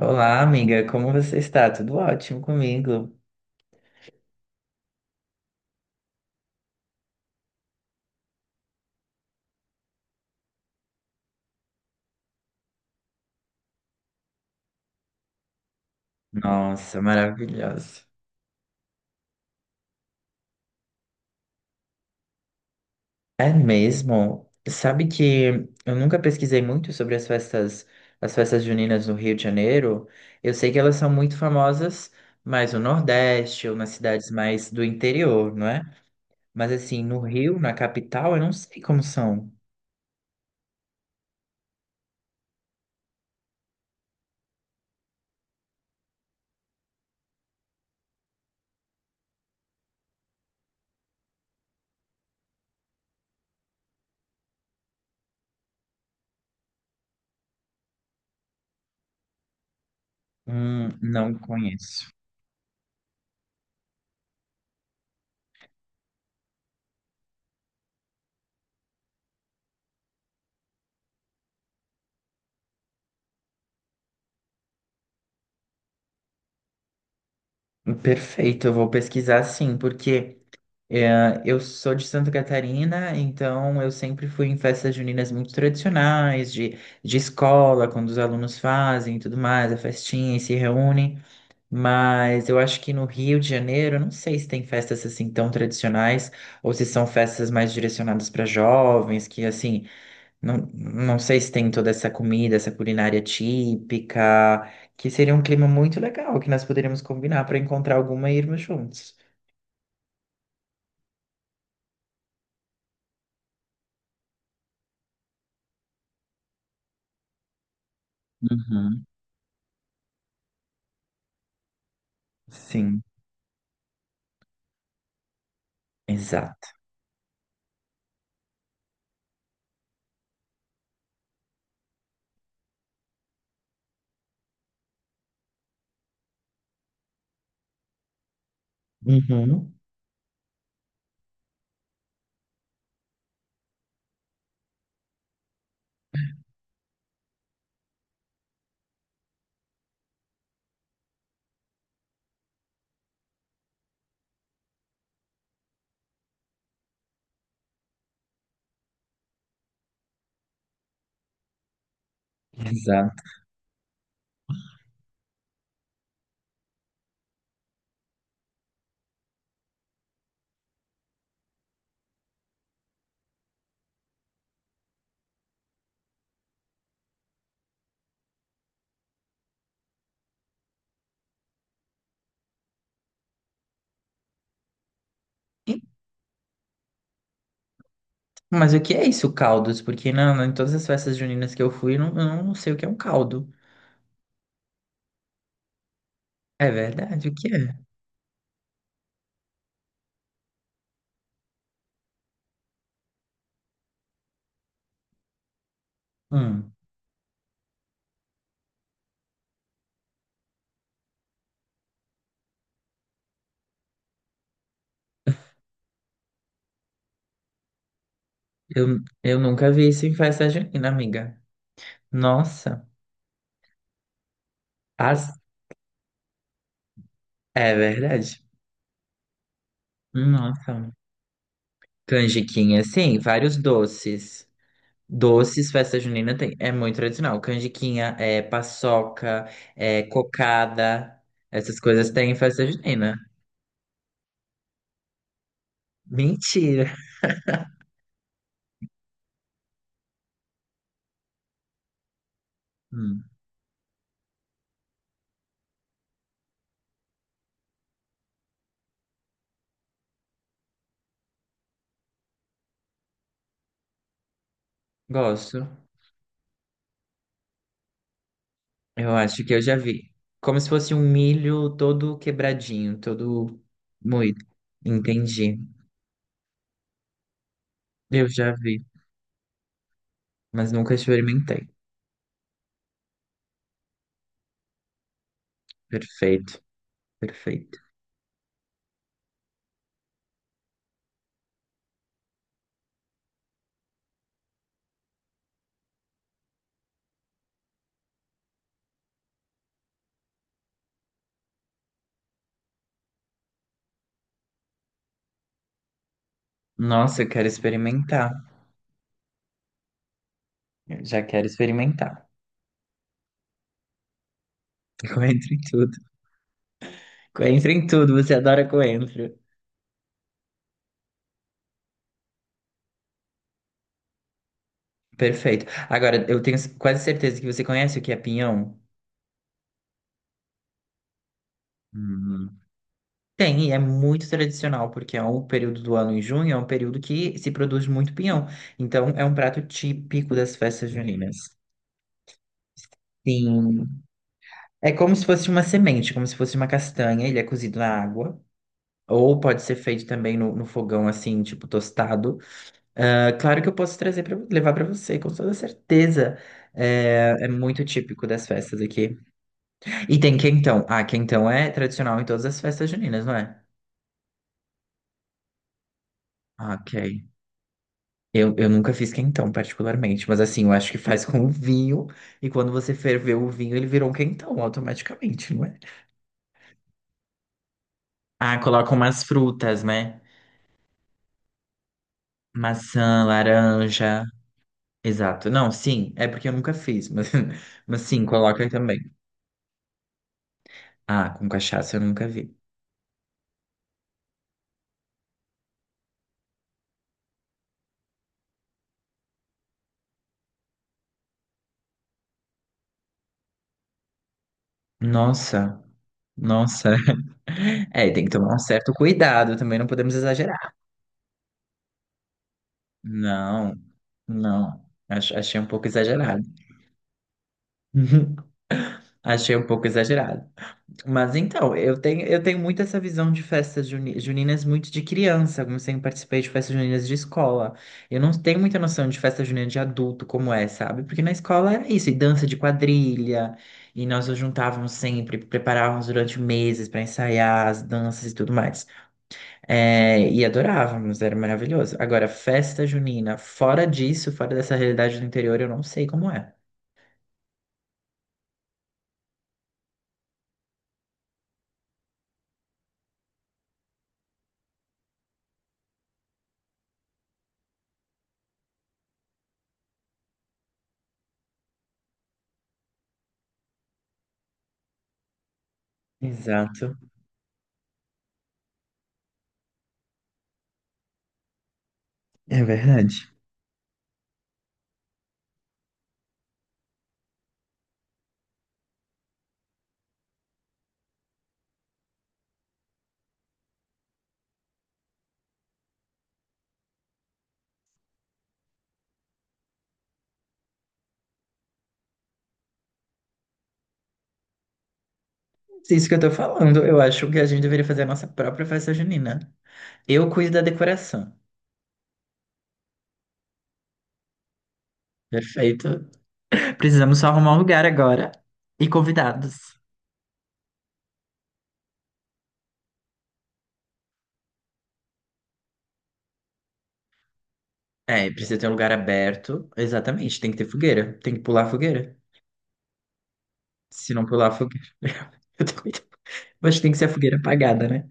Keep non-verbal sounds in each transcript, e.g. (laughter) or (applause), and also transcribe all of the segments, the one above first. Olá, amiga, como você está? Tudo ótimo comigo? Nossa, maravilhosa. É mesmo? Sabe que eu nunca pesquisei muito sobre as festas juninas no Rio de Janeiro. Eu sei que elas são muito famosas mais no Nordeste ou nas cidades mais do interior, não é? Mas assim, no Rio, na capital, eu não sei como são. Não conheço. Perfeito, eu vou pesquisar sim, porque é, eu sou de Santa Catarina, então eu sempre fui em festas juninas muito tradicionais, de escola, quando os alunos fazem e tudo mais, a festinha e se reúnem. Mas eu acho que no Rio de Janeiro, eu não sei se tem festas assim tão tradicionais, ou se são festas mais direcionadas para jovens, que assim, não sei se tem toda essa comida, essa culinária típica, que seria um clima muito legal, que nós poderíamos combinar para encontrar alguma e irmos juntos. Uhum. Sim. Exato. Uhum. Exato. E- Mas o que é isso, caldos? Porque não, não, em todas as festas juninas que eu fui, eu não sei o que é um caldo. É verdade, o que é? Hum, eu nunca vi isso em festa junina, amiga. Nossa. As... É verdade. Nossa. Canjiquinha, sim, vários doces. Doces, festa junina tem. É muito tradicional. Canjiquinha, é paçoca, é cocada. Essas coisas tem em festa junina. Mentira. Hum, gosto. Eu acho que eu já vi. Como se fosse um milho todo quebradinho, todo moído. Entendi. Eu já vi, mas nunca experimentei. Perfeito, perfeito. Nossa, eu quero experimentar. Eu já quero experimentar. (laughs) Coentro em tudo. Coentro em tudo, você adora coentro. Perfeito. Agora, eu tenho quase certeza que você conhece o que é pinhão. Hum, Tem, e é muito tradicional, porque é um período do ano em junho, é um período que se produz muito pinhão. Então, é um prato típico das festas juninas. Sim. É como se fosse uma semente, como se fosse uma castanha, ele é cozido na água. Ou pode ser feito também no fogão, assim, tipo tostado. Ah, claro que eu posso trazer para levar para você, com toda certeza. É, é muito típico das festas aqui. E tem quentão. Ah, quentão é tradicional em todas as festas juninas, não é? Ah, ok. Eu nunca fiz quentão, particularmente, mas assim, eu acho que faz com o vinho, e quando você ferveu o vinho, ele virou um quentão automaticamente, não é? Ah, coloca umas frutas, né? Maçã, laranja. Exato. Não, sim, é porque eu nunca fiz, mas, (laughs) mas sim, coloca aí também. Ah, com cachaça eu nunca vi. Nossa, nossa. (laughs) É, tem que tomar um certo cuidado, também não podemos exagerar. Não, não. Achei um pouco exagerado. (laughs) Achei um pouco exagerado. Mas então, eu tenho muito essa visão de festas juninas muito de criança, como sempre participei de festas juninas de escola. Eu não tenho muita noção de festa junina de adulto como é, sabe? Porque na escola era isso, e dança de quadrilha, e nós nos juntávamos sempre, preparávamos durante meses para ensaiar as danças e tudo mais. É, e adorávamos, era maravilhoso. Agora, festa junina, fora disso, fora dessa realidade do interior, eu não sei como é. Exato, é verdade. É isso que eu tô falando, eu acho que a gente deveria fazer a nossa própria festa junina. Eu cuido da decoração. Perfeito. Precisamos só arrumar um lugar agora e convidados. É, precisa ter um lugar aberto. Exatamente, tem que ter fogueira. Tem que pular a fogueira. Se não pular a fogueira. (laughs) Eu tô cuidando. Mas tem que ser a fogueira apagada, né?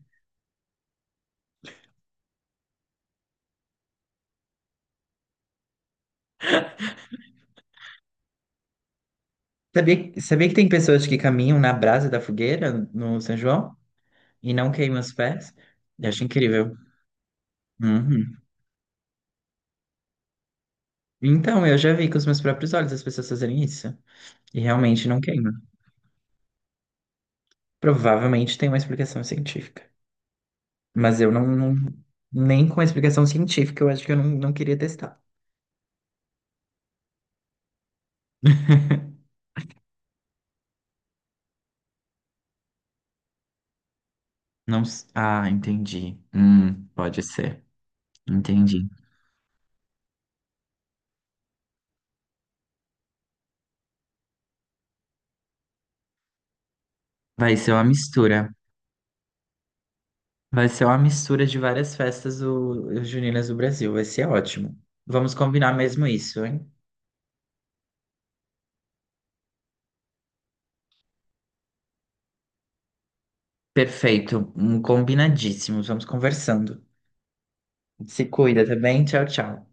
Sabia, sabia que tem pessoas que caminham na brasa da fogueira no São João e não queimam os pés? Eu acho incrível. Uhum. Então, eu já vi com os meus próprios olhos as pessoas fazerem isso. E realmente não queimam. Provavelmente tem uma explicação científica. Mas eu não, não- nem com a explicação científica, eu acho que eu não, não queria testar. Não. Ah, entendi. Pode ser. Entendi. Vai ser uma mistura. Vai ser uma mistura de várias festas juninas do Brasil. Vai ser ótimo. Vamos combinar mesmo isso, hein? Perfeito. Combinadíssimos. Vamos conversando. Se cuida, tá bem? Tchau, tchau.